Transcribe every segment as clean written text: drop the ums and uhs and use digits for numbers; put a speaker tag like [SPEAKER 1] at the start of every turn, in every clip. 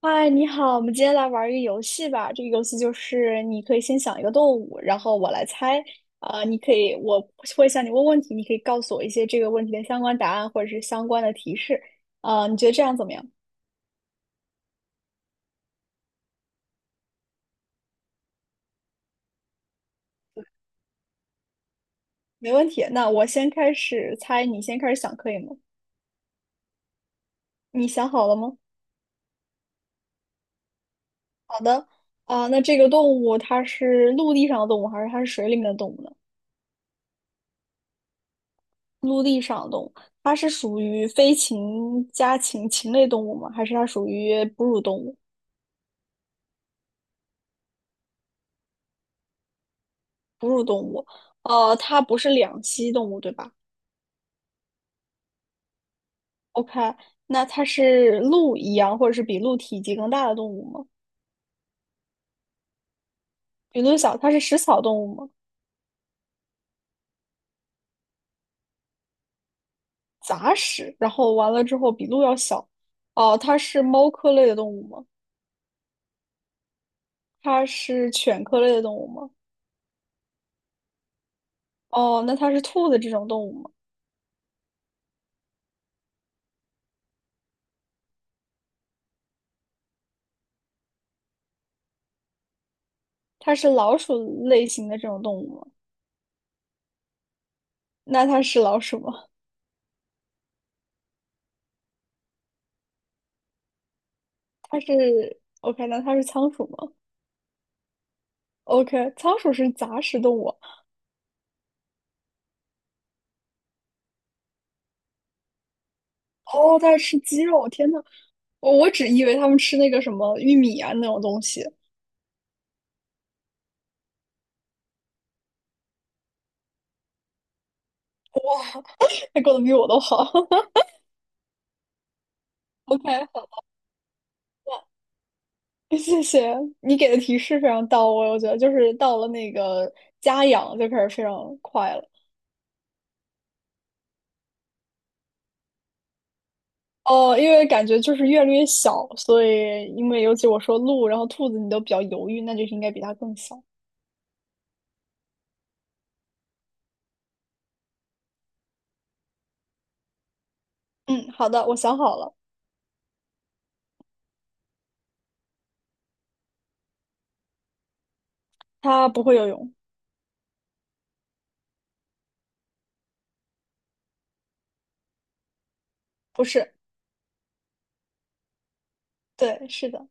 [SPEAKER 1] 嗨，你好，我们今天来玩一个游戏吧。这个游戏就是你可以先想一个动物，然后我来猜。你可以，我会向你问问题，你可以告诉我一些这个问题的相关答案或者是相关的提示。你觉得这样怎么样？没问题。那我先开始猜，你先开始想，可以吗？你想好了吗？好的。那这个动物它是陆地上的动物，还是它是水里面的动物呢？陆地上的动物，它是属于飞禽、家禽、禽类动物吗？还是它属于哺乳动物？哺乳动物，它不是两栖动物，对吧？OK，那它是鹿一样，或者是比鹿体积更大的动物吗？比鹿小，它是食草动物吗？杂食，然后完了之后比鹿要小。哦，它是猫科类的动物吗？它是犬科类的动物吗？哦，那它是兔子这种动物吗？它是老鼠类型的这种动物吗？那它是老鼠吗？它是 OK，那它是仓鼠吗？OK，仓鼠是杂食动物，哦，它在吃鸡肉，天呐，我只以为他们吃那个什么玉米啊那种东西，他过得比我都好。OK，好，谢谢你给的提示非常到位，我觉得就是到了那个家养就开始非常快了。哦，因为感觉就是越来越小，所以因为尤其我说鹿，然后兔子你都比较犹豫，那就是应该比它更小。嗯，好的，我想好了，它不会游泳，不是，对，是的。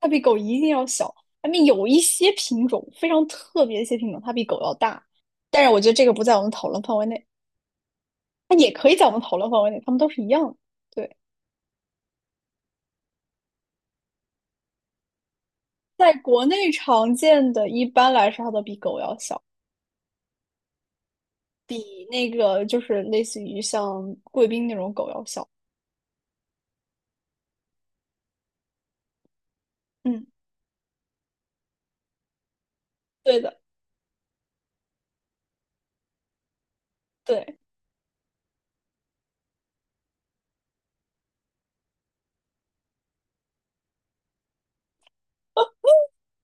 [SPEAKER 1] 它比狗一定要小。它们有一些品种非常特别的一些品种，它比狗要大，但是我觉得这个不在我们讨论范围内，它也可以在我们讨论范围内，它们都是一样的。对，在国内常见的，一般来说它都比狗要小，比那个就是类似于像贵宾那种狗要小。嗯，对的，对，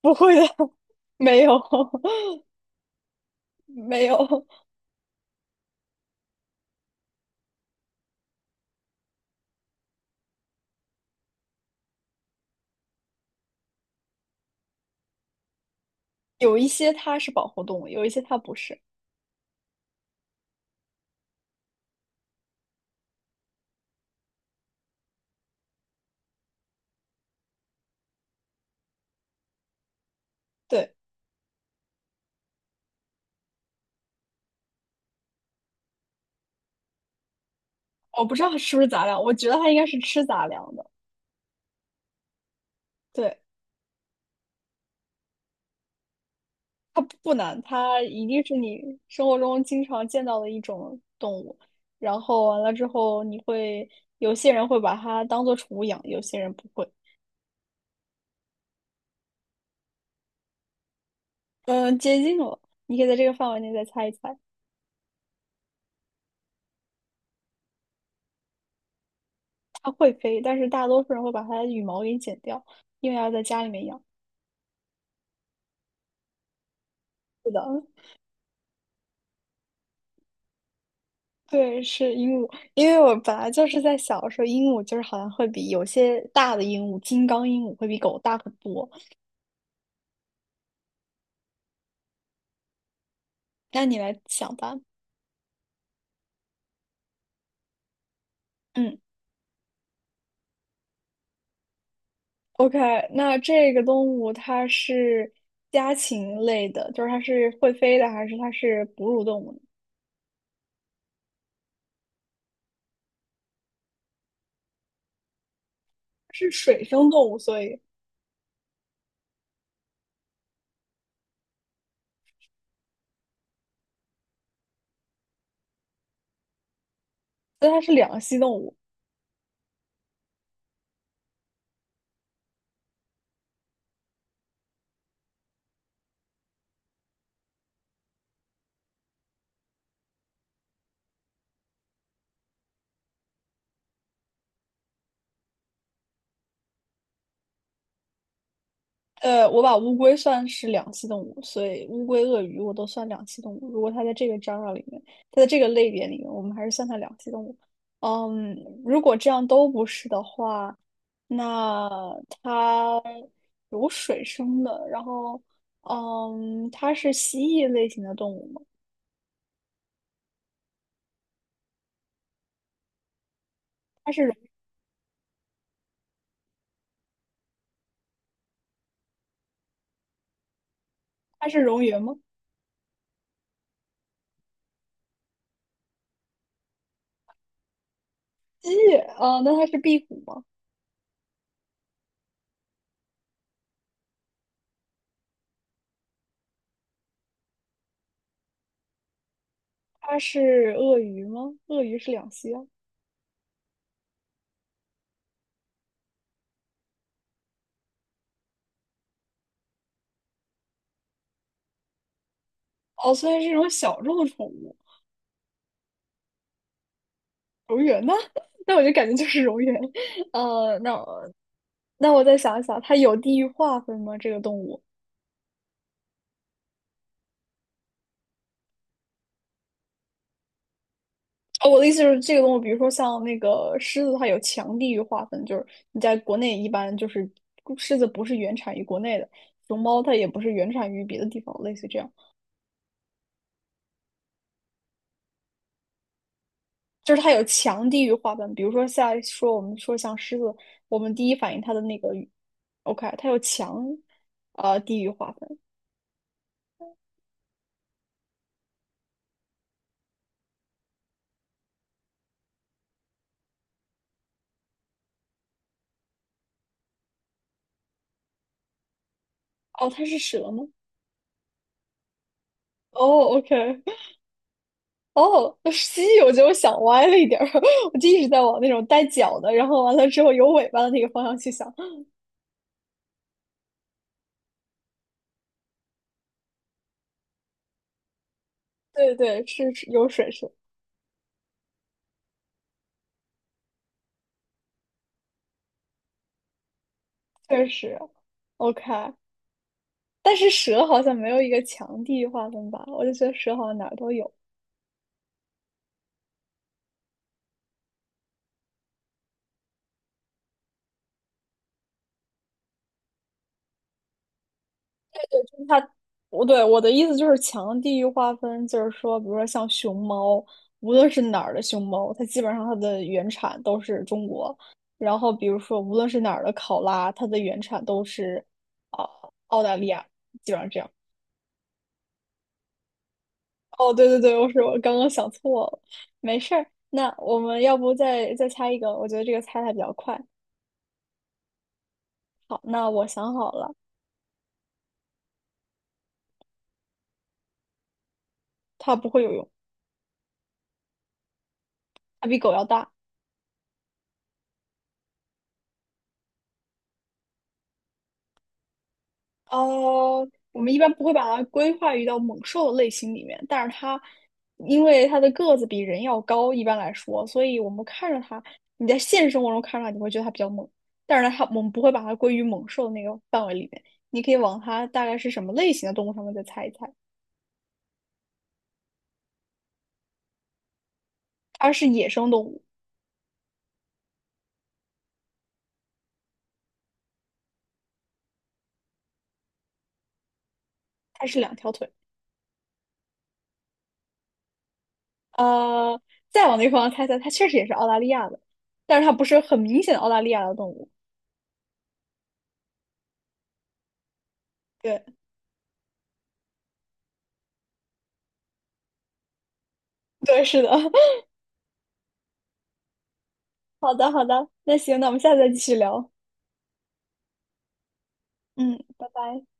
[SPEAKER 1] 不会的，没有，没有，有一些它是保护动物，有一些它不是。对，我不知道是不是杂粮，我觉得它应该是吃杂粮的。对，它不难，它一定是你生活中经常见到的一种动物。然后完了之后，你会有些人会把它当做宠物养，有些人不会。嗯，接近了，你可以在这个范围内再猜一猜。它会飞，但是大多数人会把它的羽毛给剪掉，因为要在家里面养。是的，对，是鹦鹉。因为我本来就是在小的时候，鹦鹉就是好像会比有些大的鹦鹉，金刚鹦鹉会比狗大很多。那你来想吧，嗯。OK，那这个动物它是家禽类的，就是它是会飞的，还是它是哺乳动物呢是水生动物，所以那它是两栖动物。我把乌龟算是两栖动物，所以乌龟、鳄鱼我都算两栖动物。如果它在这个章儿里面，它在这个类别里面，我们还是算它两栖动物。嗯，如果这样都不是的话，那它有水生的，然后嗯，它是蜥蜴类型的动物吗？它是它是蝾螈吗？鸡那它是壁虎吗？它是鳄鱼吗？鳄鱼是两栖啊。哦，虽然是一种小众宠物，蝾螈呢？那我就感觉就是蝾螈。呃，那我那我再想一想，它有地域划分吗？这个动物？哦，我的意思是，这个动物，比如说像那个狮子，它有强地域划分，就是你在国内一般就是狮子不是原产于国内的，熊猫它也不是原产于别的地方，类似这样。就是它有强地域划分，比如说像说我们说像狮子，我们第一反应它的那个语，OK，它有强地域划分。哦，它是蛇吗？哦，OK，哦，蜥蜴，我觉得我想歪了一点儿，我就一直在往那种带脚的，然后完了之后有尾巴的那个方向去想。对对，是有水蛇，确实 OK，但是蛇好像没有一个强地域划分吧？我就觉得蛇好像哪儿都有。它，我的意思就是强地域划分，就是说，比如说像熊猫，无论是哪儿的熊猫，它基本上它的原产都是中国。然后，比如说无论是哪儿的考拉，它的原产都是啊、澳大利亚，基本上这样。哦，对对对，我刚刚想错了，没事儿。那我们要不再猜一个？我觉得这个猜的比较快。好，那我想好了，它不会游泳，它比狗要大。我们一般不会把它规划于到猛兽的类型里面，但是它因为它的个子比人要高，一般来说，所以我们看着它，你在现实生活中看着它，你会觉得它比较猛，但是它我们不会把它归于猛兽那个范围里面。你可以往它大概是什么类型的动物上面再猜一猜，它是野生动物，它是两条腿，呃，再往那个方向猜猜，它确实也是澳大利亚的，但是它不是很明显的澳大利亚的动物。对对，是的。好的好的，那行，那我们下次再继续聊。嗯，拜拜。